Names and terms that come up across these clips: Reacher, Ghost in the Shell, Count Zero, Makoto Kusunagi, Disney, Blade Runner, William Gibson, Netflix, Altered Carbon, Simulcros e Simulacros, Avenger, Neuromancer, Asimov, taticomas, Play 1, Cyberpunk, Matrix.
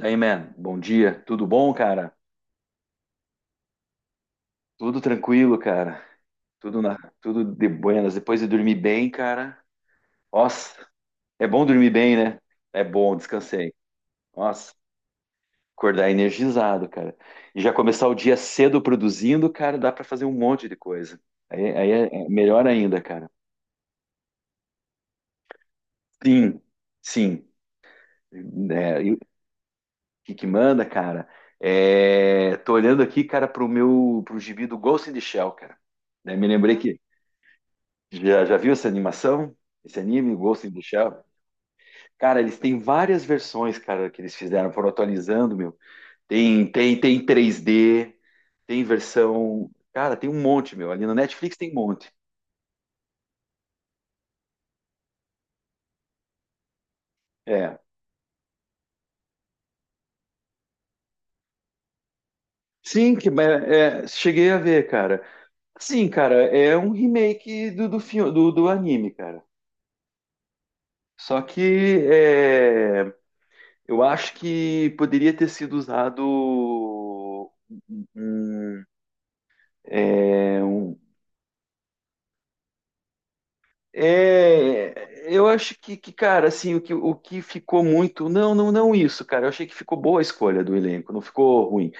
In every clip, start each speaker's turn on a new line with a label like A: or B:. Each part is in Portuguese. A: Daí, man, bom dia. Tudo bom, cara? Tudo tranquilo, cara. Tudo na, tudo de buenas. Depois de dormir bem, cara. Nossa, é bom dormir bem, né? É bom, descansei. Nossa, acordar energizado, cara. E já começar o dia cedo produzindo, cara, dá pra fazer um monte de coisa. Aí é melhor ainda, cara. Sim, sim. É, e o que manda, cara? É, tô olhando aqui, cara, pro meu, pro gibi do Ghost in the Shell, cara. Daí me lembrei que já viu essa animação? Esse anime, Ghost in the Shell? Cara, eles têm várias versões, cara, que eles fizeram, foram atualizando, meu. Tem 3D, tem versão. Cara, tem um monte, meu. Ali na Netflix tem um monte. É. Sim, que, é, é, cheguei a ver, cara. Sim, cara, é um remake do, do, filme, do, do anime, cara. Só que é, eu acho que poderia ter sido usado um, um, é, um. É, eu acho que, cara, assim, o que ficou muito. Não, não, não isso, cara. Eu achei que ficou boa a escolha do elenco, não ficou ruim.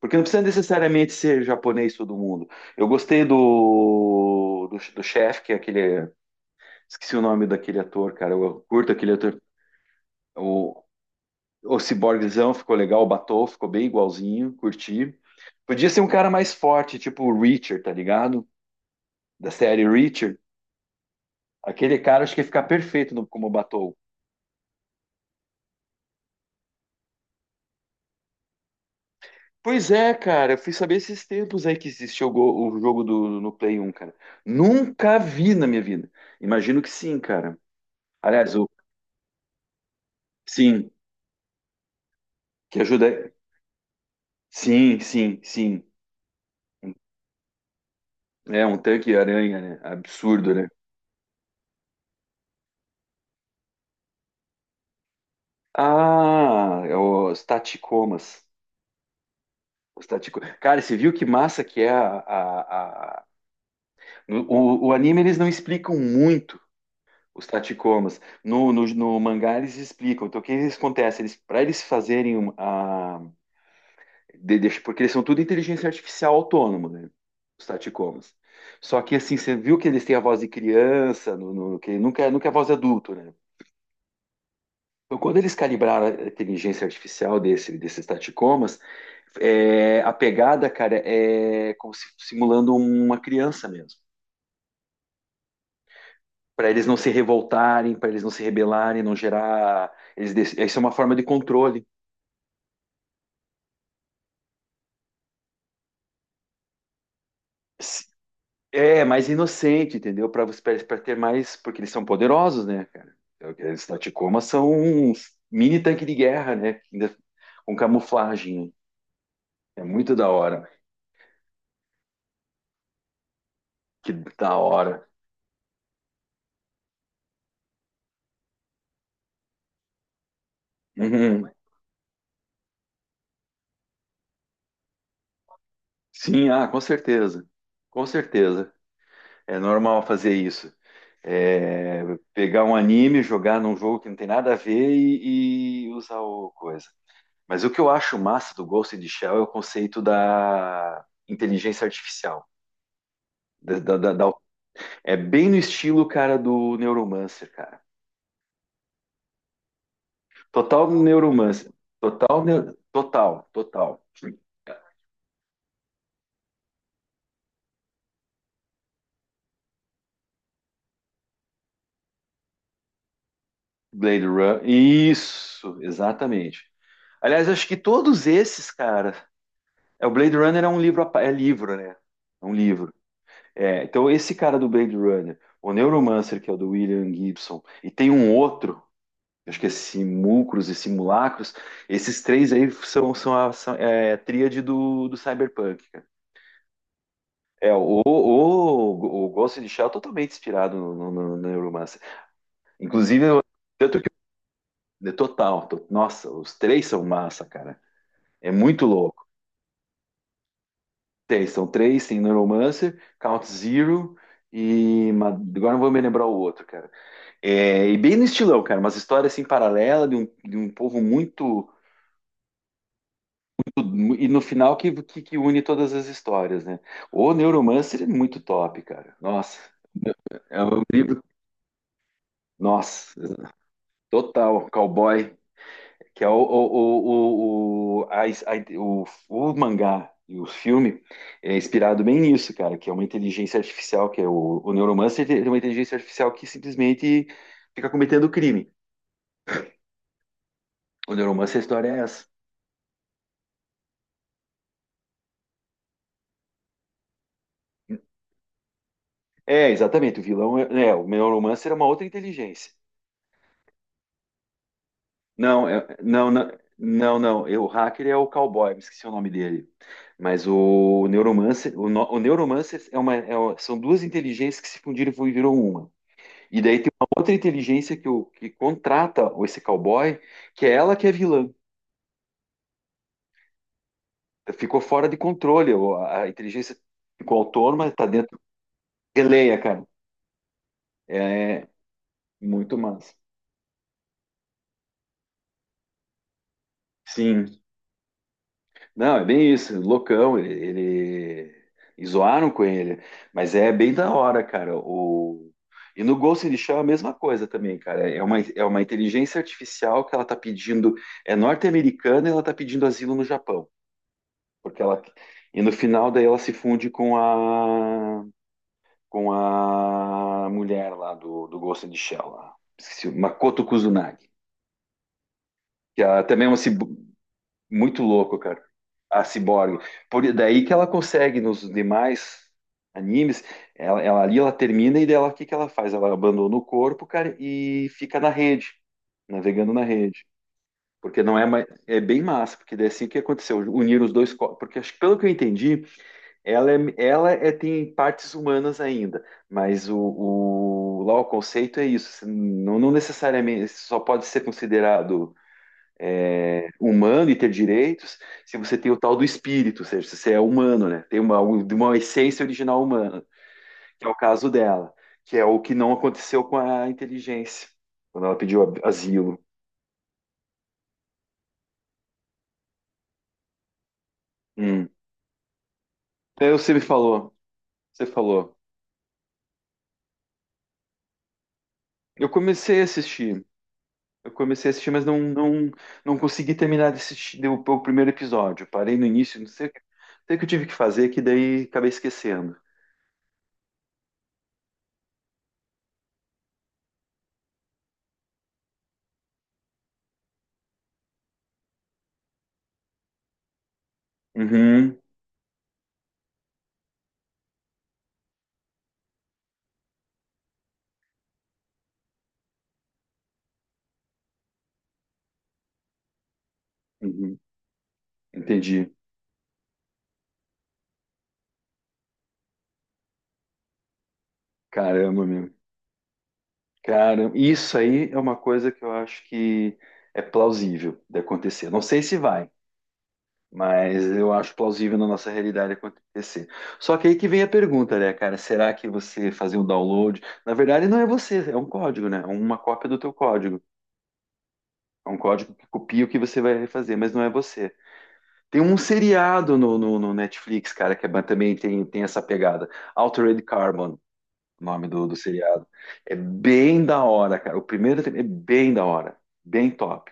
A: Porque não precisa necessariamente ser japonês todo mundo. Eu gostei do, do, do chefe, que é aquele. Esqueci o nome daquele ator, cara. Eu curto aquele ator. O, o Ciborguezão ficou legal, o Batou ficou bem igualzinho, curti. Podia ser um cara mais forte, tipo o Reacher, tá ligado? Da série Reacher. Aquele cara acho que ia ficar perfeito no, como Batou. Pois é, cara, eu fui saber esses tempos aí que existia o, go- o jogo do, no Play 1, cara. Nunca vi na minha vida. Imagino que sim, cara. Aliás, o sim, que ajuda. Sim, sim, sim. É um tanque-aranha, né? Absurdo, né? Ah, é os taticomas. Os tatico... Cara, você viu que massa que é a- no- O, o anime eles não explicam muito os taticomas. No, no, no mangá eles explicam. Então o que eles acontece? Eles, para eles fazerem uma, de- deixa- porque eles são tudo inteligência artificial autônomo, né? Os taticomas. Só que assim, você viu que eles têm a voz de criança, no, no- que nunca, é- nunca é a voz de adulto, né? Então, quando eles calibraram a inteligência artificial desse, desses taticomas, é, a pegada, cara, é como se simulando uma criança mesmo. Para eles não se revoltarem, para eles não se rebelarem, não gerar. Eles, dec- isso é uma forma de controle. É, mais inocente, entendeu? Para ter mais. Porque eles são poderosos, né, cara? É o Eles Tacoma são uns mini tanque de guerra, né? Ainda com camuflagem. Né? É muito da hora. Que da hora. Uhum. Sim, ah, com certeza. Com certeza. É normal fazer isso. É, pegar um anime, jogar num jogo que não tem nada a ver e usar o coisa. Mas o que eu acho massa do Ghost in the Shell é o conceito da inteligência artificial da, da, da. É bem no estilo, cara, do Neuromancer, cara. Total Neuromancer. Total, neu- total, total. Blade Runner. Isso, exatamente. Aliás, acho que todos esses, cara. É, o Blade Runner é um livro, a pa- é livro, né? É um livro. É, então, esse cara do Blade Runner, o Neuromancer, que é o do William Gibson, e tem um outro, acho que é Simulcros e Simulacros, esses três aí são, são a são- é, a tríade do, do Cyberpunk. É, o Ghost in the Shell é totalmente inspirado no, no, no Neuromancer. Inclusive, eu- tanto que é total. To- nossa, os três são massa, cara. É muito louco. Tem, são três, tem Neuromancer, Count Zero e. ma- Agora não vou me lembrar o outro, cara. É, e bem no estilão, cara, umas histórias assim paralela de um povo muito. Mu- E no final que une todas as histórias, né? O Neuromancer é muito top, cara. Nossa, é um livro. Nossa, total, cowboy. Que é o, a- o mangá e o filme é inspirado bem nisso, cara, que é uma inteligência artificial, que é o Neuromancer é uma inteligência artificial que simplesmente fica cometendo crime. O Neuromancer, a história é essa. É, exatamente, o vilão é, é, o Neuromancer é uma outra inteligência. Não, é- não, não, não, não, é, o hacker é o cowboy, me esqueci o nome dele. Mas o Neuromancer, o, no- o Neuromancer é uma- são duas inteligências que se fundiram e viram uma. E daí tem uma outra inteligência que, o, que contrata esse cowboy, que é ela que é vilã. Ficou fora de controle. O- A a inteligência ficou autônoma, tá dentro. Releia, cara. É, muito massa. Sim. Não, é bem isso. Loucão, ele... e Zoaram com ele. Mas é bem da hora, cara. O... E no Ghost in the Shell é a mesma coisa também, cara. É uma inteligência artificial que ela tá pedindo. É norte-americana e ela tá pedindo asilo no Japão. Porque ela e no final daí ela se funde com a mulher lá do do Ghost in the Shell lá. Esqueci, Makoto Kusunagi, que ela também é uma cib- muito louco, cara. A ciborgue. Por daí que ela consegue nos demais animes, ela ali ela termina e dela o que que ela faz? Ela abandona o corpo, cara, e fica na rede, navegando na rede. Porque não é mais, é bem massa, porque daí é assim o que aconteceu? Unir os dois corpos, porque acho que pelo que eu entendi, ela, é, ela é- tem partes humanas ainda, mas o- lá o conceito é isso. Você não, não necessariamente você só pode ser considerado é, humano e ter direitos se você tem o tal do espírito, ou seja, se você é humano, né? Tem uma essência original humana, que é o caso dela, que é o que não aconteceu com a inteligência, quando ela pediu a- asilo. Hum. É, você me falou, você falou. Eu comecei a assistir. Eu comecei a assistir, mas não, não, não consegui terminar de assistir o primeiro episódio. Parei no início, não sei, o que não sei o que eu tive que fazer, que daí acabei esquecendo. Uhum, uhum, entendi. Caramba, meu. Cara, isso aí é uma coisa que eu acho que é plausível de acontecer. Não sei se vai, mas eu acho plausível na nossa realidade acontecer. Só que aí que vem a pergunta, né, cara? Será que você fazer um download? Na verdade, não é você, é um código, né? É uma cópia do teu código. É um código que copia o que você vai fazer, mas não é você. Tem um seriado no, no- no Netflix, cara, que é ba- também tem, tem essa pegada. Altered Carbon, o nome do, do seriado. É bem da hora, cara. O primeiro tem- é bem da hora. Bem top.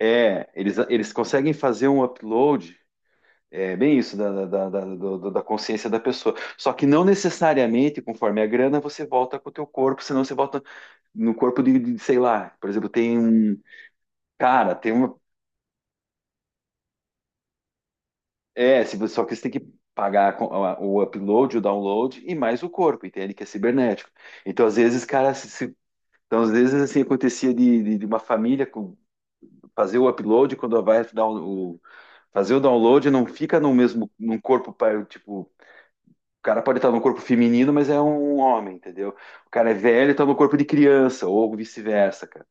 A: É, eles conseguem fazer um upload, é bem isso, da, da, da, da- do- da consciência da pessoa. Só que não necessariamente, conforme a grana, você volta com o teu corpo, senão você volta no corpo de, sei lá, por exemplo, tem um. Cara, tem uma. É, se você- só que você tem que pagar a- o upload, o download e mais o corpo, entende? Que é cibernético. Então, às vezes, cara, se- se- então, às vezes, assim, acontecia de uma família com- fazer o upload, quando vai dar o- fazer o download, não fica no mesmo, num corpo, pa- tipo, o cara pode estar no corpo feminino, mas é um homem, entendeu? O cara é velho e tá no corpo de criança, ou vice-versa, cara.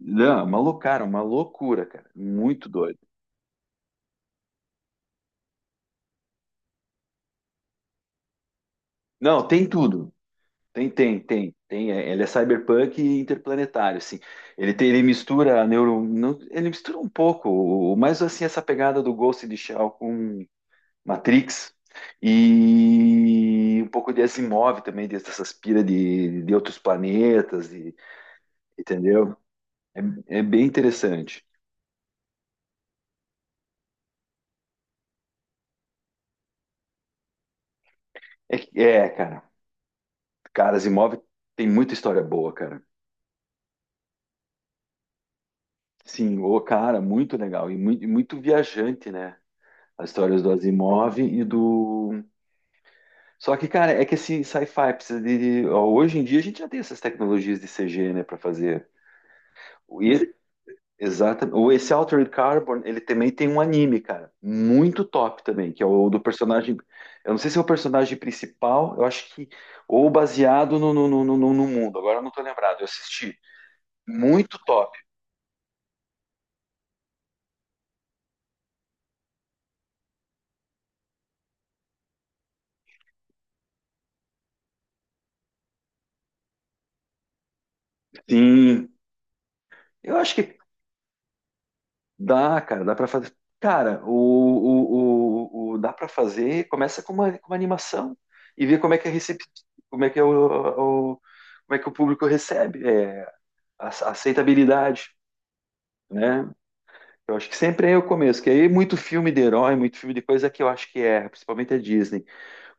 A: Não, é uma loucura, cara. Muito doido. Não, tem tudo. Tem. É, Ele é cyberpunk e interplanetário, assim. Ele tem, ele mistura a neuro, não- ele mistura um pouco, o- mais assim essa pegada do Ghost in the Shell com Matrix e um pouco de Asimov também, dessas pira de outros planetas, e- entendeu? É, é bem interessante. É, que- é, cara, cara, Asimov tem muita história boa, cara. Sim, o cara, muito legal e muito, muito viajante, né? As histórias do Asimov e do. Só que, cara, é que esse sci-fi precisa de. Ó, Hoje em dia a gente já tem essas tecnologias de CG, né, pra fazer. O E, exatamente. Ou esse Altered Carbon, ele também tem um anime, cara, muito top também, que é o do personagem. Eu não sei se é o personagem principal, eu acho que. Ou baseado no, no, no, no, no mundo, agora eu não tô lembrado, eu assisti. Muito top. Sim. Eu acho que dá, cara, dá pra fazer. Cara, o- dá pra fazer. Começa com uma animação e vê como é que é recep... como é que é o- como é que o público recebe é, a aceitabilidade, né? Eu acho que sempre é o começo, que aí muito filme de herói, muito filme de coisa que eu acho que é, principalmente a Disney,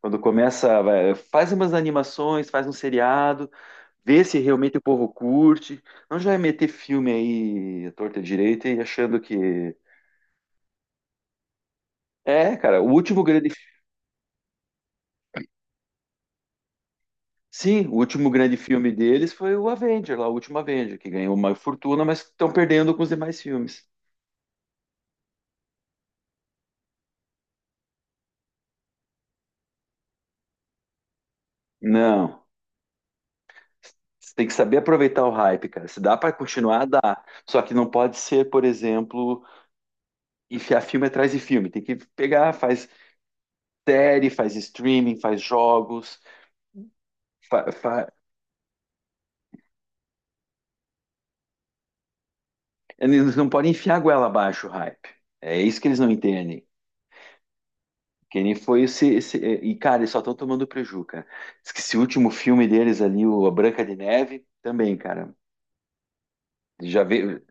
A: quando começa, vai- faz umas animações, faz um seriado, vê se realmente o povo curte, não já é meter filme aí à torta e à direita e achando que é, cara, o último grande. Sim, o último grande filme deles foi o Avenger, lá, o último Avenger, que ganhou uma fortuna, mas estão perdendo com os demais filmes. Não. Você tem que saber aproveitar o hype, cara. Se dá para continuar, dá. Só que não pode ser, por exemplo, enfiar filme atrás de filme. Tem que pegar, faz série, faz streaming, faz jogos. Fa- fa- Eles não podem enfiar a goela abaixo o hype. É isso que eles não entendem. Kenny foi esse, esse- é, E, cara, eles só estão tomando preju, cara. Diz que esse último filme deles ali, o A Branca de Neve, também, cara. Já veio.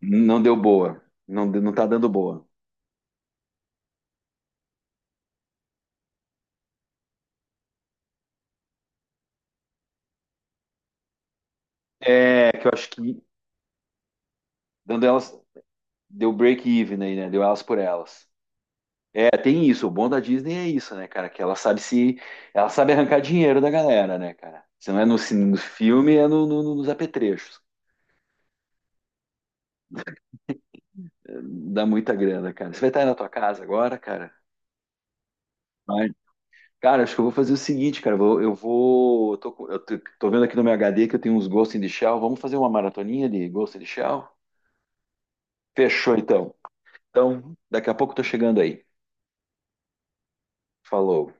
A: Não deu boa. Não, de- não tá dando boa. É que eu acho que dando elas. Deu break even aí, né? Deu elas por elas. É, tem isso. O bom da Disney é isso, né, cara? Que ela sabe se. Ela sabe arrancar dinheiro da galera, né, cara? Se não é no, cin- no filme, é no, no- nos apetrechos. É, dá muita grana, cara. Você vai estar aí na tua casa agora, cara? Vai. Cara, acho que eu vou fazer o seguinte, cara. Eu vou. Eu vou- eu tô, com- eu tô- tô vendo aqui no meu HD que eu tenho uns Ghost in the Shell. Vamos fazer uma maratoninha de Ghost in the Shell? Fechou, então. Então, daqui a pouco eu tô chegando aí. Falou.